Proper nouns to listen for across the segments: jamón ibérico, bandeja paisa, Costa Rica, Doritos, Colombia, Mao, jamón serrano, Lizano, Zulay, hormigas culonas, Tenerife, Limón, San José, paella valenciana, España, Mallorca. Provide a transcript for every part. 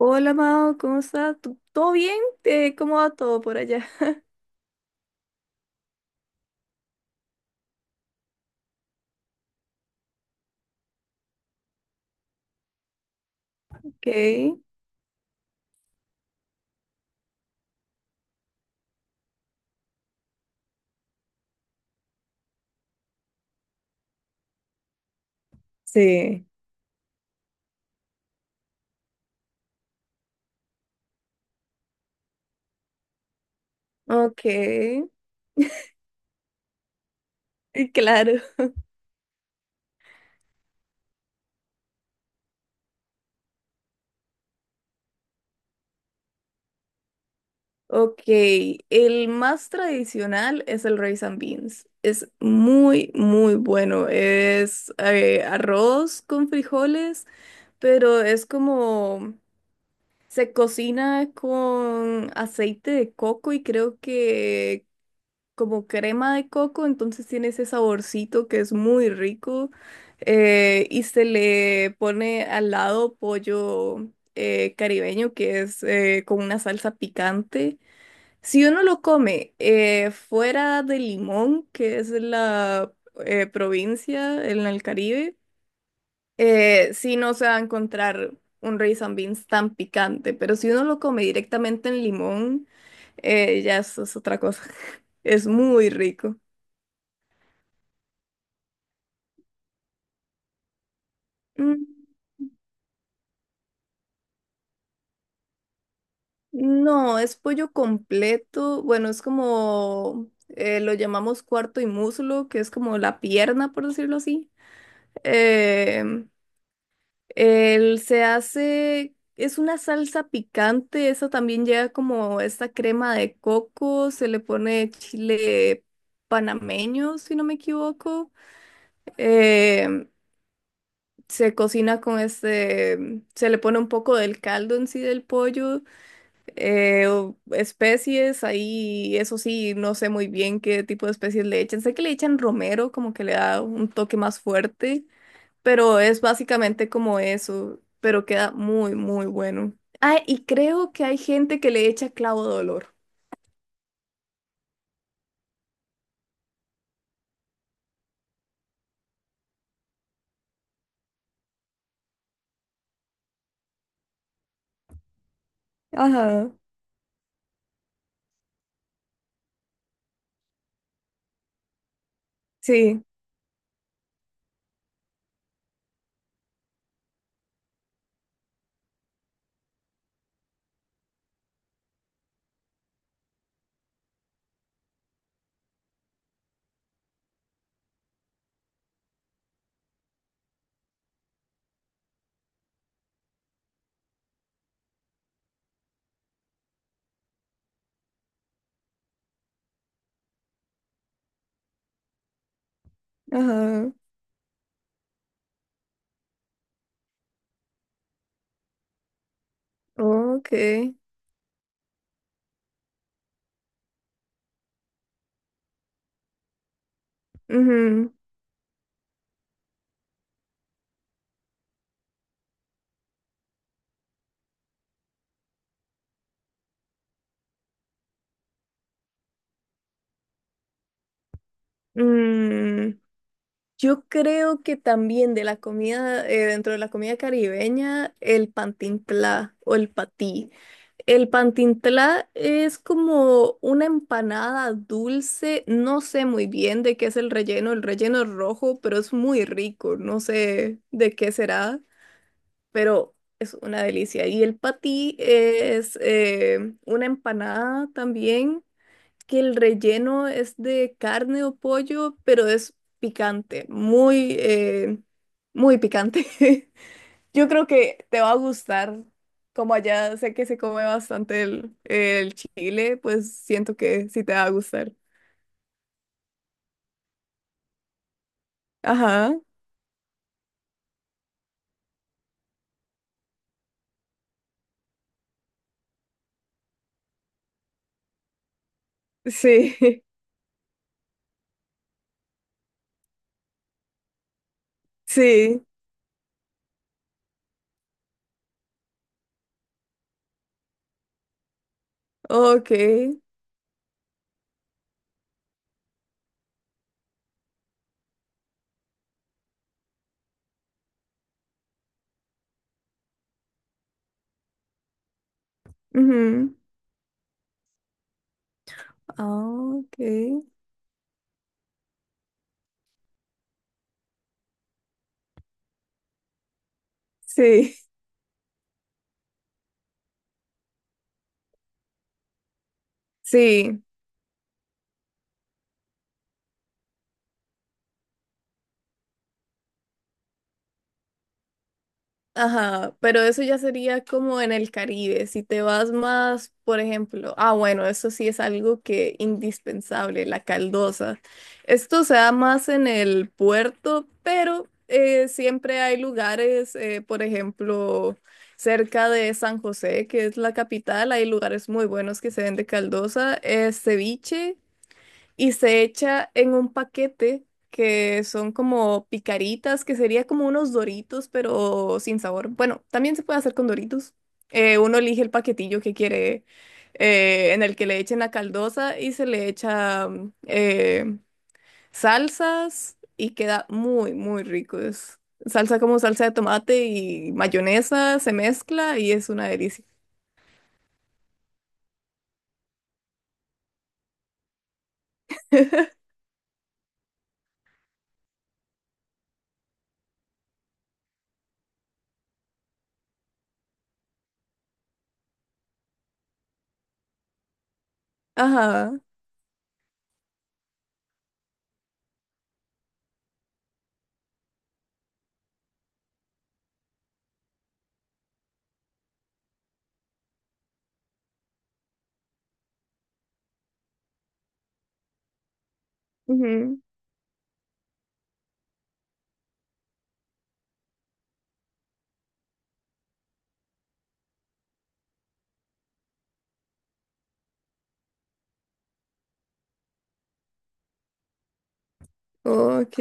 Hola Mao, ¿cómo estás? ¿Tú- ¿Todo bien? ¿Cómo va todo por allá? Ok, sí, ok, claro. Ok, el más tradicional es el rice and beans. Es muy, muy bueno. Es arroz con frijoles, pero es como se cocina con aceite de coco y creo que como crema de coco, entonces tiene ese saborcito que es muy rico y se le pone al lado pollo caribeño que es con una salsa picante. Si uno lo come fuera de Limón, que es la provincia en el Caribe, sí no se va a encontrar un rice and beans tan picante, pero si uno lo come directamente en Limón, ya eso es otra cosa. Es muy rico. Mm, no, es pollo completo. Bueno, es como lo llamamos cuarto y muslo, que es como la pierna, por decirlo así. Em, él se hace, es una salsa picante, esa también lleva como esta crema de coco, se le pone chile panameño, si no me equivoco. Em, se cocina con este, se le pone un poco del caldo en sí del pollo. O- especies, ahí eso sí, no sé muy bien qué tipo de especies le echan. Sé que le echan romero, como que le da un toque más fuerte, pero es básicamente como eso, pero queda muy, muy bueno. Ah, y creo que hay gente que le echa clavo de olor. Ajá, sí, ajá. Ok. Ujú. Mm, yo creo que también de la comida, dentro de la comida caribeña, el pantintlá o el patí. El pantintlá es como una empanada dulce, no sé muy bien de qué es el relleno es rojo, pero es muy rico, no sé de qué será, pero es una delicia. Y el patí es una empanada también que el relleno es de carne o pollo, pero es picante, muy, muy picante. Yo creo que te va a gustar. Como allá sé que se come bastante el chile, pues siento que sí te va a gustar. Ajá, sí, sí, ok, ujú, ah, ok, sí, sí. Ajá, pero eso ya sería como en el Caribe. Si te vas más, por ejemplo, ah, bueno, eso sí es algo que indispensable, la caldosa. Esto se da más en el puerto, pero siempre hay lugares, por ejemplo, cerca de San José, que es la capital, hay lugares muy buenos que se venden caldosa, ceviche y se echa en un paquete que son como picaritas, que sería como unos Doritos, pero sin sabor. Bueno, también se puede hacer con Doritos. Uno elige el paquetillo que quiere, en el que le echen la caldosa y se le echa salsas y queda muy, muy rico. Es salsa como salsa de tomate y mayonesa, se mezcla y es una delicia. Ajá, ujú, ok.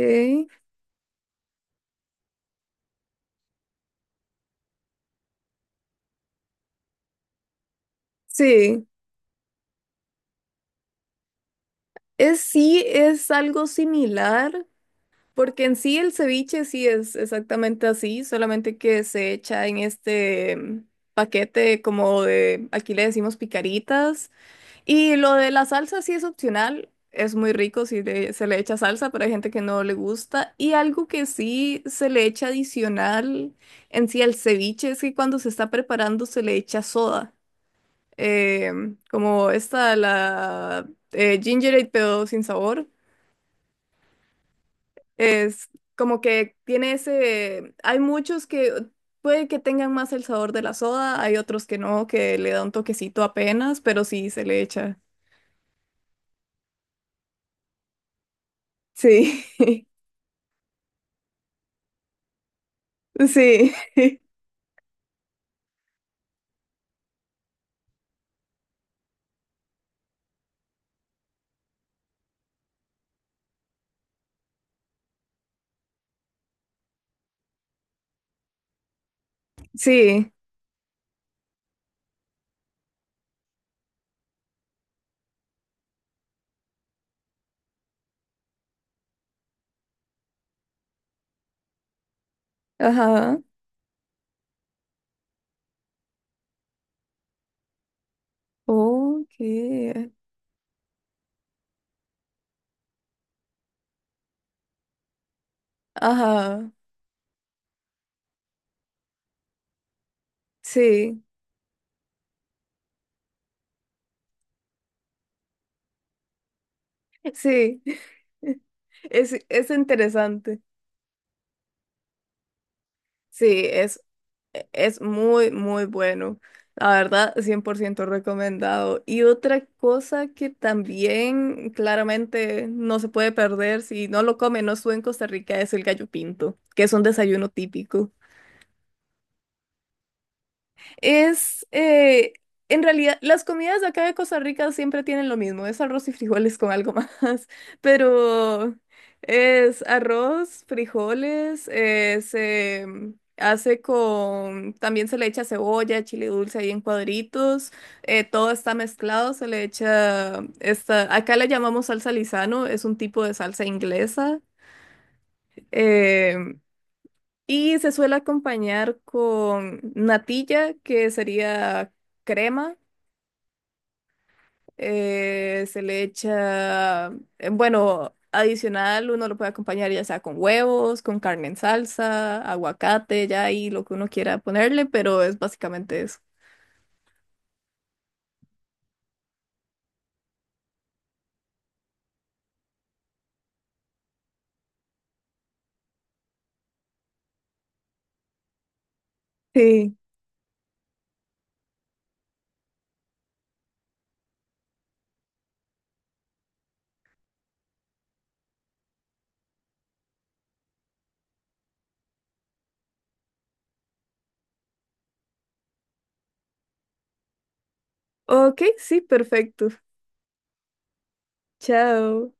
Sí. Es, sí, es algo similar, porque en sí el ceviche sí es exactamente así, solamente que se echa en este paquete como de, aquí le decimos picaritas, y lo de la salsa sí es opcional, es muy rico si le- se le echa salsa, pero hay gente que no le gusta, y algo que sí se le echa adicional en sí al ceviche es que cuando se está preparando se le echa soda, como esta, la ginger ale, pero sin sabor. Es como que tiene ese, hay muchos que puede que tengan más el sabor de la soda, hay otros que no, que le da un toquecito apenas, pero sí se le echa. Sí, sí, sí, ajá, ok, ajá, sí, sí, es interesante. Sí, es, e, es muy, muy bueno. La verdad, 100% recomendado. Y otra cosa que también claramente no se puede perder si no lo comen, no estuve en Costa Rica, es el gallo pinto, que es un desayuno típico. Es, en realidad, las comidas de acá de Costa Rica siempre tienen lo mismo, es arroz y frijoles con algo más, pero es arroz, frijoles, se hace con, también se le echa cebolla, chile dulce ahí en cuadritos, todo está mezclado, se le echa, esta, acá le llamamos salsa Lizano, es un tipo de salsa inglesa, eh, y se suele acompañar con natilla, que sería crema. Se le echa, bueno, adicional, uno lo puede acompañar ya sea con huevos, con carne en salsa, aguacate, ya ahí lo que uno quiera ponerle, pero es básicamente eso. Sí. Ok, sí, perfecto. Chao.